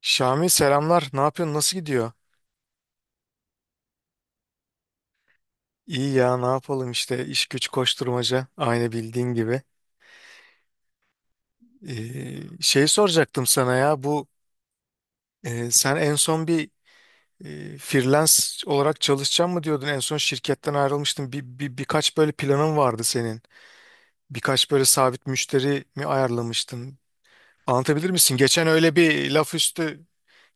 Şami selamlar. Ne yapıyorsun? Nasıl gidiyor? İyi ya ne yapalım işte iş güç koşturmaca aynı bildiğin gibi. Şey soracaktım sana ya sen en son freelance olarak çalışacaksın mı diyordun? En son şirketten ayrılmıştın. Birkaç böyle planın vardı senin. Birkaç böyle sabit müşteri mi ayarlamıştın? Anlatabilir misin? Geçen öyle bir laf üstü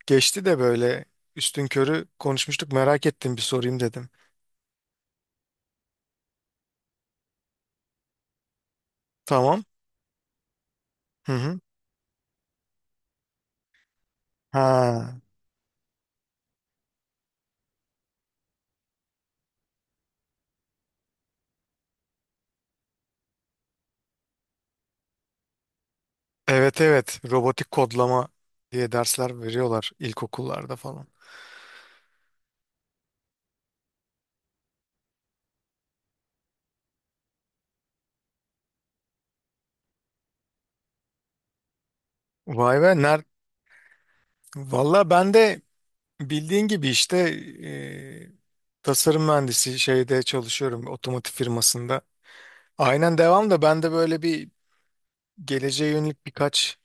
geçti de böyle üstünkörü konuşmuştuk, merak ettim bir sorayım dedim. Tamam. Hı hı. Ha. Evet, evet, robotik kodlama diye dersler veriyorlar ilkokullarda falan. Vay be, valla ben de bildiğin gibi işte tasarım mühendisi şeyde çalışıyorum, otomotiv firmasında. Aynen devam. Da ben de böyle bir geleceğe yönelik birkaç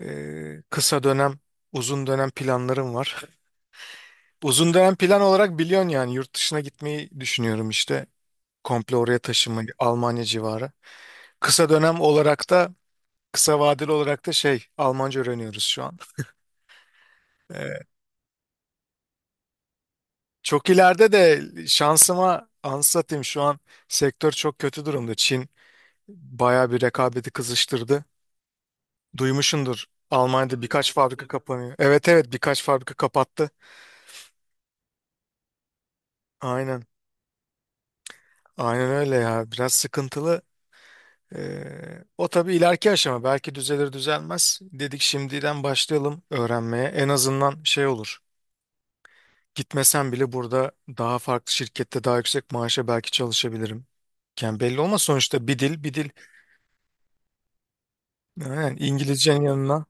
e, kısa dönem uzun dönem planlarım var. Uzun dönem plan olarak biliyorsun yani yurt dışına gitmeyi düşünüyorum işte, komple oraya taşınmayı, Almanya civarı. Kısa dönem olarak da Kısa vadeli olarak da şey, Almanca öğreniyoruz şu an. Ee, Çok ileride de şansıma anlatayım, şu an sektör çok kötü durumda. Çin bayağı bir rekabeti kızıştırdı. Duymuşsundur, Almanya'da birkaç fabrika kapanıyor. Evet, evet, birkaç fabrika kapattı. Aynen, aynen öyle ya, biraz sıkıntılı. O tabii ileriki aşama belki düzelir düzelmez. Dedik şimdiden başlayalım öğrenmeye, en azından şey olur. Gitmesem bile burada daha farklı şirkette daha yüksek maaşa belki çalışabilirim. Yani belli olmaz sonuçta, bir dil, bir dil. Yani İngilizcenin yanına.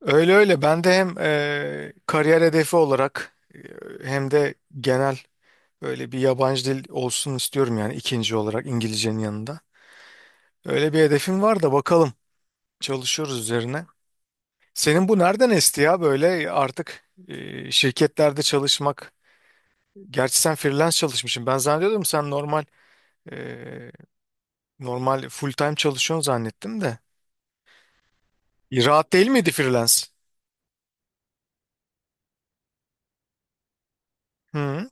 Öyle öyle, ben de hem kariyer hedefi olarak, hem de genel böyle bir yabancı dil olsun istiyorum yani, ikinci olarak İngilizcenin yanında. Öyle bir hedefim var, da bakalım, çalışıyoruz üzerine. Senin bu nereden esti ya böyle artık şirketlerde çalışmak? Gerçi sen freelance çalışmışsın. Ben zannediyordum sen normal full time çalışıyorsun zannettim de. Rahat değil miydi freelance? Hı,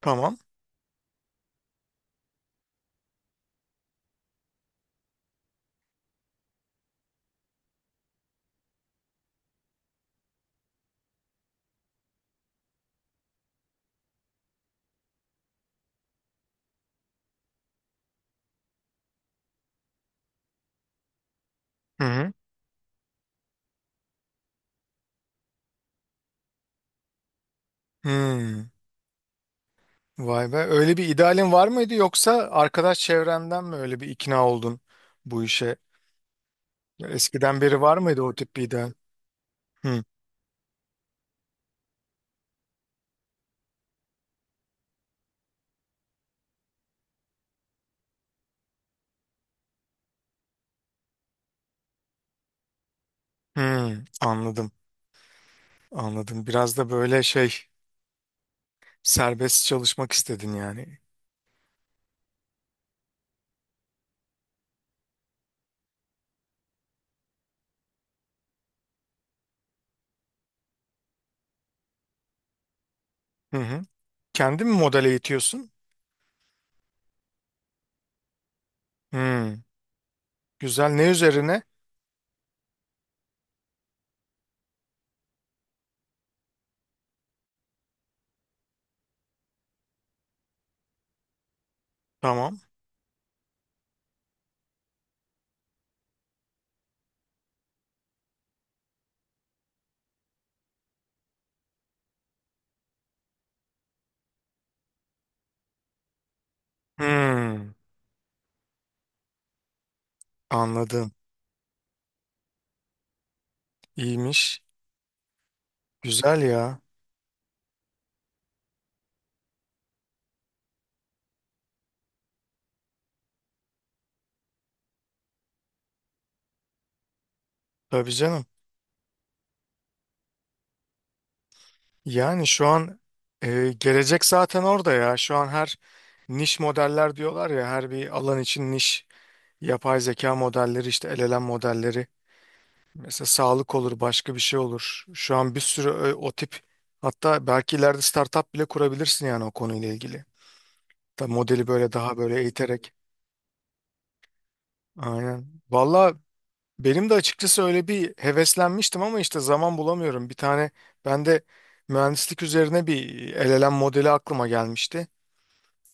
tamam. Hı hı. Hı. Vay be. Öyle bir idealin var mıydı, yoksa arkadaş çevrenden mi öyle bir ikna oldun bu işe? Eskiden beri var mıydı o tip bir ideal? Hı. Hı. Anladım. Anladım. Biraz da böyle şey, serbest çalışmak istedin yani. Hı hı. Kendin mi model eğitiyorsun? Hı. Güzel. Ne üzerine? Tamam. Hı. Anladım. İyiymiş. Güzel ya. Tabii canım. Yani şu an gelecek zaten orada ya. Şu an her niş modeller diyorlar ya, her bir alan için niş yapay zeka modelleri, işte LLM modelleri. Mesela sağlık olur, başka bir şey olur. Şu an bir sürü o tip, hatta belki ileride startup bile kurabilirsin yani o konuyla ilgili. Da modeli böyle daha böyle eğiterek. Aynen. Valla benim de açıkçası öyle bir heveslenmiştim ama işte zaman bulamıyorum. Bir tane ben de mühendislik üzerine bir LLM modeli aklıma gelmişti.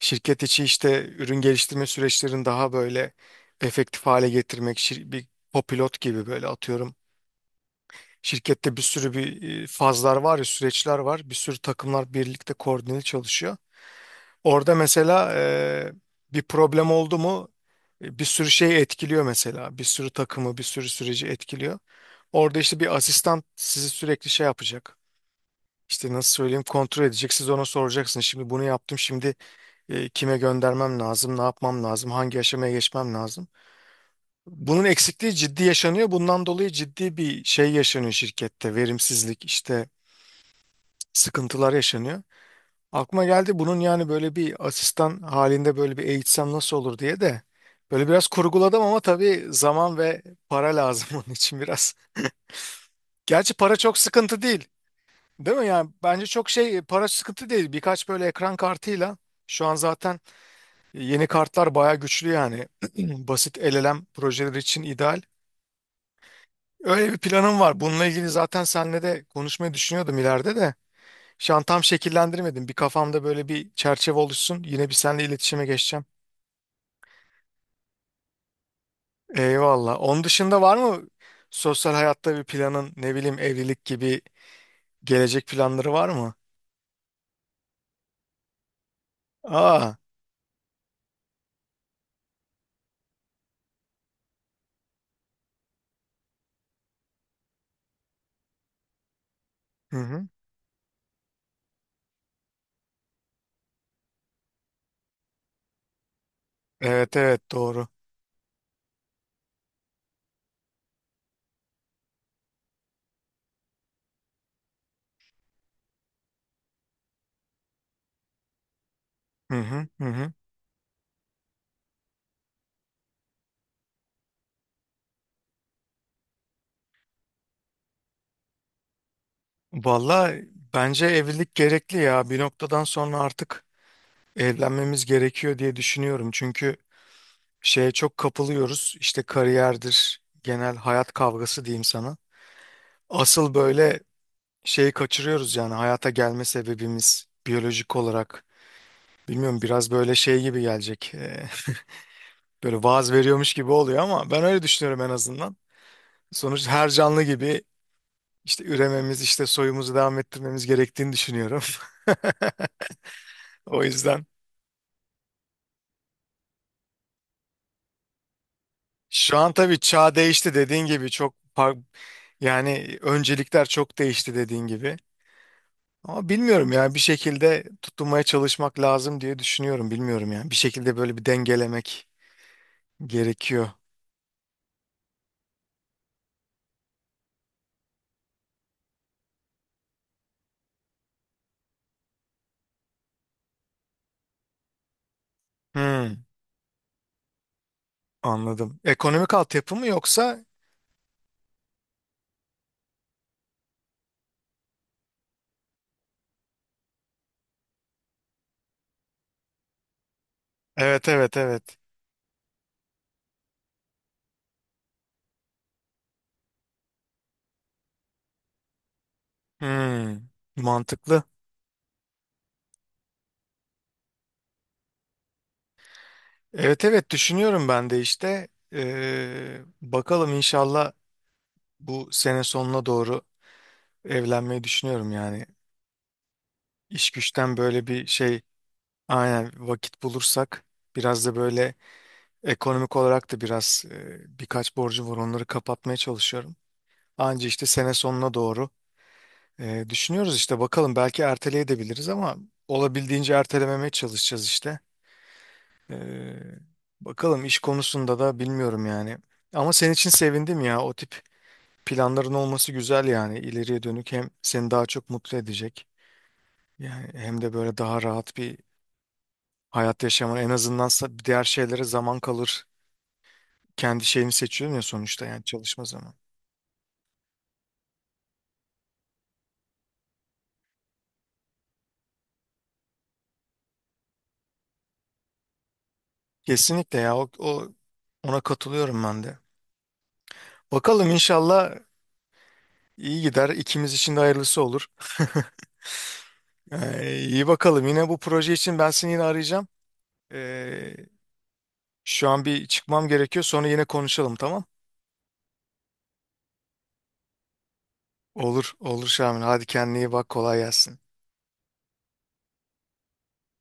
Şirket içi işte ürün geliştirme süreçlerini daha böyle efektif hale getirmek, bir kopilot gibi böyle, atıyorum. Şirkette bir sürü fazlar var ya, süreçler var. Bir sürü takımlar birlikte koordineli çalışıyor. Orada mesela bir problem oldu mu, bir sürü şey etkiliyor mesela. Bir sürü takımı, bir sürü süreci etkiliyor. Orada işte bir asistan sizi sürekli şey yapacak. İşte nasıl söyleyeyim, kontrol edecek. Siz ona soracaksınız. Şimdi bunu yaptım. Şimdi kime göndermem lazım? Ne yapmam lazım? Hangi aşamaya geçmem lazım? Bunun eksikliği ciddi yaşanıyor. Bundan dolayı ciddi bir şey yaşanıyor şirkette. Verimsizlik işte, sıkıntılar yaşanıyor. Aklıma geldi bunun, yani böyle bir asistan halinde böyle bir eğitsem nasıl olur diye de böyle biraz kurguladım, ama tabii zaman ve para lazım onun için biraz. Gerçi para çok sıkıntı değil. Değil mi yani, bence çok şey, para sıkıntı değil, birkaç böyle ekran kartıyla şu an zaten yeni kartlar bayağı güçlü yani basit LLM projeleri için ideal. Öyle bir planım var bununla ilgili, zaten seninle de konuşmayı düşünüyordum ileride de. Şu an tam şekillendirmedim, bir kafamda böyle bir çerçeve oluşsun, yine bir seninle iletişime geçeceğim. Eyvallah. Onun dışında var mı sosyal hayatta bir planın, ne bileyim evlilik gibi gelecek planları var mı? Aa, hı hı. Evet, evet, doğru. Hı hı, hı hı. Valla, bence evlilik gerekli ya. Bir noktadan sonra artık evlenmemiz gerekiyor diye düşünüyorum. Çünkü şeye çok kapılıyoruz, İşte kariyerdir, genel hayat kavgası diyeyim sana. Asıl böyle şeyi kaçırıyoruz yani, hayata gelme sebebimiz biyolojik olarak. Bilmiyorum, biraz böyle şey gibi gelecek. Böyle vaaz veriyormuş gibi oluyor ama ben öyle düşünüyorum en azından. Sonuç her canlı gibi işte ürememiz, işte soyumuzu devam ettirmemiz gerektiğini düşünüyorum. O yüzden. Şu an tabii çağ değişti dediğin gibi, yani öncelikler çok değişti dediğin gibi. Ama bilmiyorum ya, bir şekilde tutunmaya çalışmak lazım diye düşünüyorum. Bilmiyorum yani, bir şekilde böyle bir dengelemek gerekiyor. Hmm, anladım. Ekonomik altyapı mı yoksa? Evet, evet, evet. Hmm, mantıklı. Evet, evet, düşünüyorum ben de işte. Bakalım, inşallah bu sene sonuna doğru evlenmeyi düşünüyorum yani. İş güçten böyle bir şey. Aynen, vakit bulursak, biraz da böyle ekonomik olarak da biraz, birkaç borcu var, onları kapatmaya çalışıyorum. Anca işte sene sonuna doğru düşünüyoruz işte, bakalım belki erteleyebiliriz ama olabildiğince ertelememeye çalışacağız işte. E, Bakalım, iş konusunda da bilmiyorum yani. Ama senin için sevindim ya, o tip planların olması güzel yani, ileriye dönük hem seni daha çok mutlu edecek yani, hem de böyle daha rahat bir hayat yaşaman, en azından diğer şeylere zaman kalır, kendi şeyini seçiyorum ya sonuçta, yani çalışma zamanı. Kesinlikle ya, ona katılıyorum ben de. Bakalım inşallah iyi gider, İkimiz için de hayırlısı olur. İyi bakalım. Yine bu proje için ben seni yine arayacağım. Ee, Şu an bir çıkmam gerekiyor. Sonra yine konuşalım, tamam? Olur, olur Şamil. Hadi kendine iyi bak. Kolay gelsin.